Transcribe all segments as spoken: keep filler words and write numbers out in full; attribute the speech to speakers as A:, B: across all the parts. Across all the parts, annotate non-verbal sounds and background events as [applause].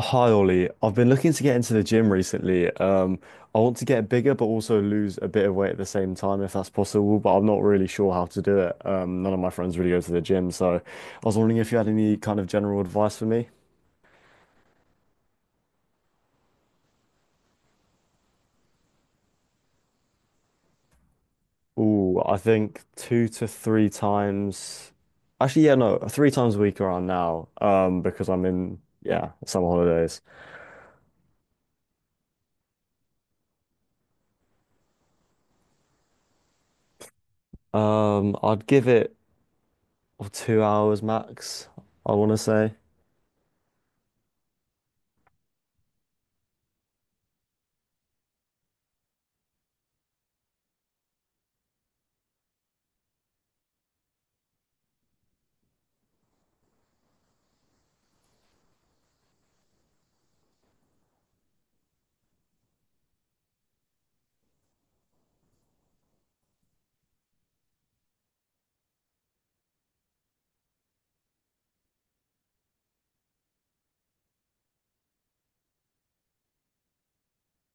A: Hi Ollie, I've been looking to get into the gym recently. Um, I want to get bigger but also lose a bit of weight at the same time if that's possible, but I'm not really sure how to do it. Um, none of my friends really go to the gym, so I was wondering if you had any kind of general advice for me. Ooh, I think two to three times. Actually, yeah, no, three times a week around now, um, because I'm in, yeah, summer holidays. Um, I'd give it two hours max, I want to say.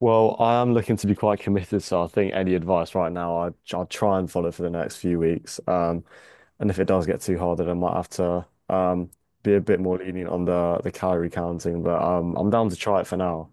A: Well, I am looking to be quite committed, so I think any advice right now, I, I'll try and follow for the next few weeks. Um, and if it does get too hard, then I might have to um, be a bit more lenient on the the calorie counting. But um, I'm down to try it for now.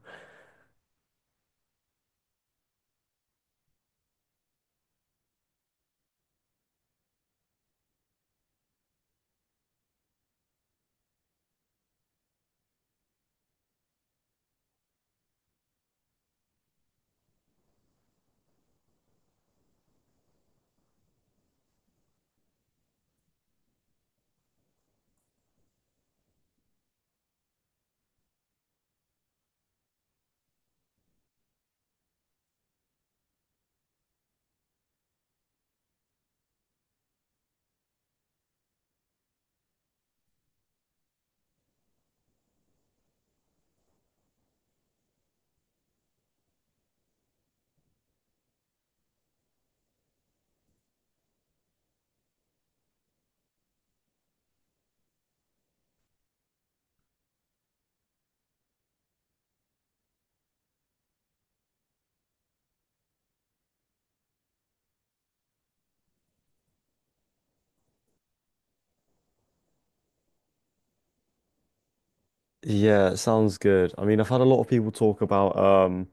A: Yeah, it sounds good. I mean, I've had a lot of people talk about. Um,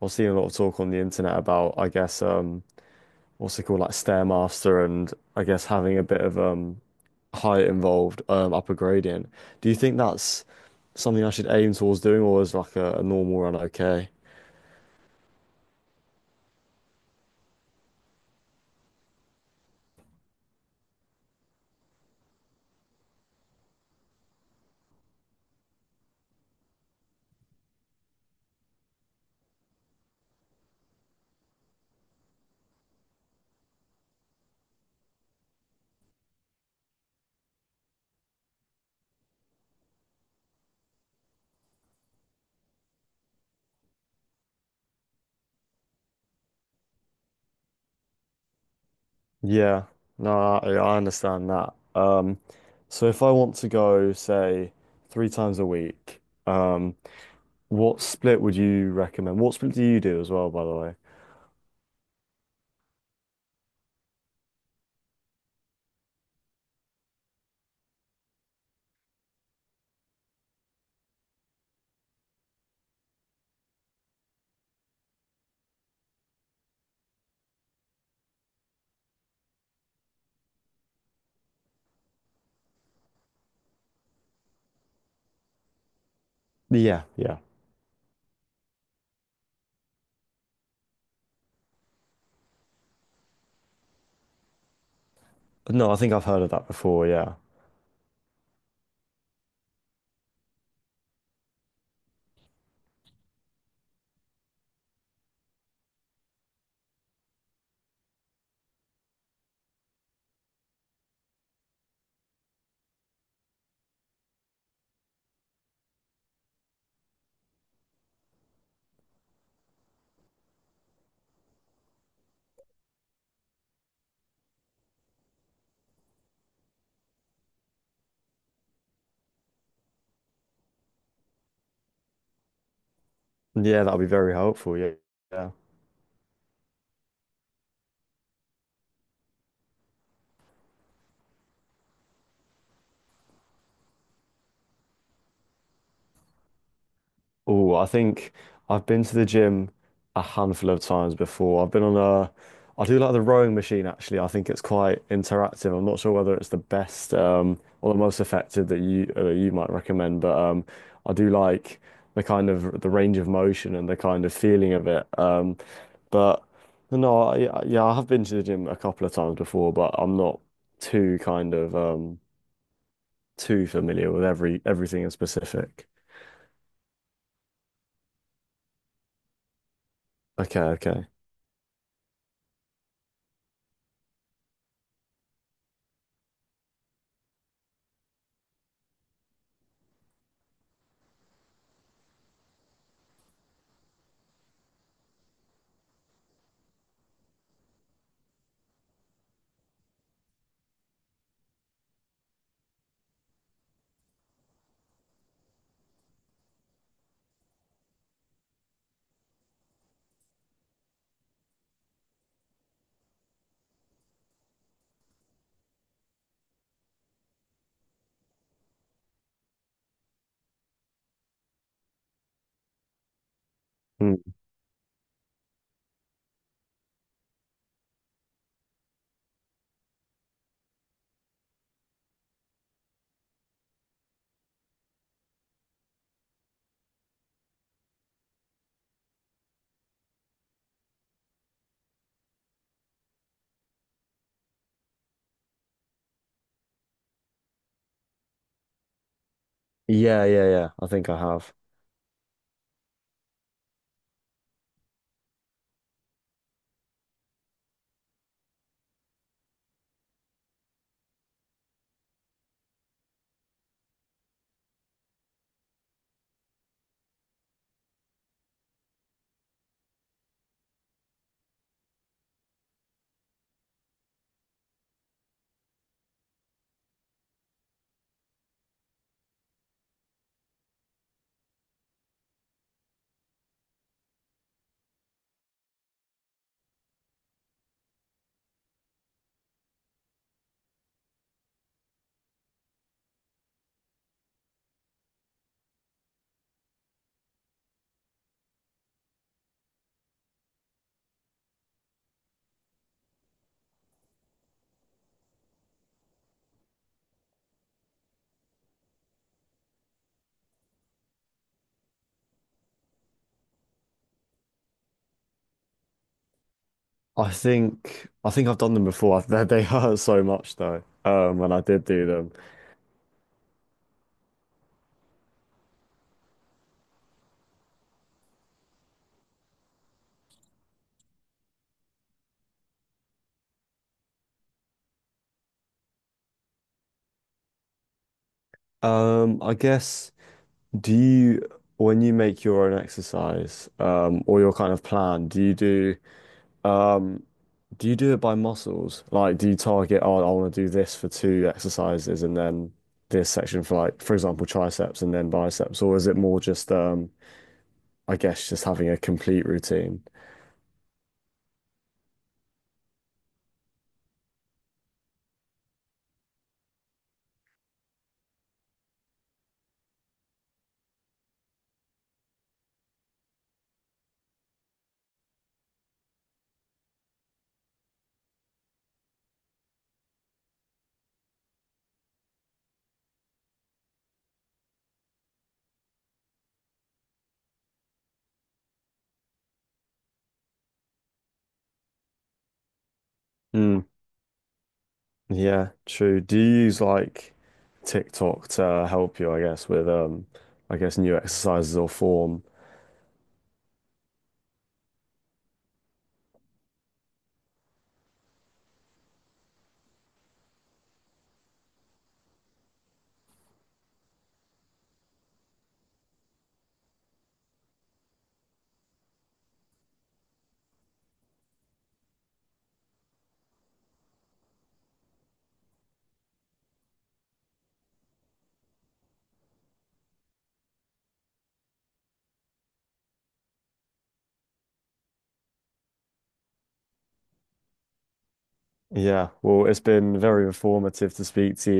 A: I've seen a lot of talk on the internet about, I guess, um, what's it called, like Stairmaster, and I guess having a bit of um, height involved, um, upper gradient. Do you think that's something I should aim towards doing, or is like a, a normal run okay? Yeah, no, I, I understand that. Um, so if I want to go, say, three times a week, um, what split would you recommend? What split do you do as well, by the way? Yeah, yeah. No, I think I've heard of that before. Yeah, yeah, that would be very helpful. Yeah. Yeah. Oh, I think I've been to the gym a handful of times before. I've been on a, I do like the rowing machine actually. I think it's quite interactive. I'm not sure whether it's the best um, or the most effective that you uh, you might recommend, but um, I do like the kind of the range of motion and the kind of feeling of it. Um, but no, I, yeah, yeah, I have been to the gym a couple of times before, but I'm not too kind of um, too familiar with every everything in specific. Okay, okay. Hmm. Yeah, yeah, yeah. I think I have. I think I think I've done them before. [laughs] I've- They, they hurt so much though. Um, when I did do them. Um, I guess do you when you make your own exercise, um, or your kind of plan, do you do um do you do it by muscles? Like, do you target, oh, I want to do this for two exercises and then this section for like, for example, triceps and then biceps, or is it more just um, I guess just having a complete routine? Yeah, true. Do you use like TikTok to help you, I guess, with um, I guess new exercises or form? Yeah, well, it's been very informative to speak to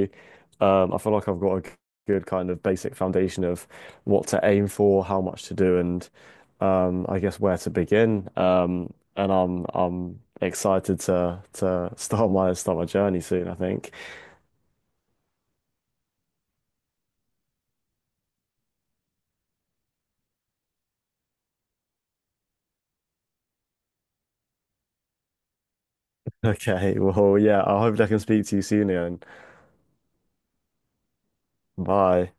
A: you. Um, I feel like I've got a g- good kind of basic foundation of what to aim for, how much to do, and um, I guess where to begin. Um, and I'm I'm excited to to [laughs] start my start my journey soon, I think. Okay, well, yeah, I hope I can speak to you soon, Ian. Bye.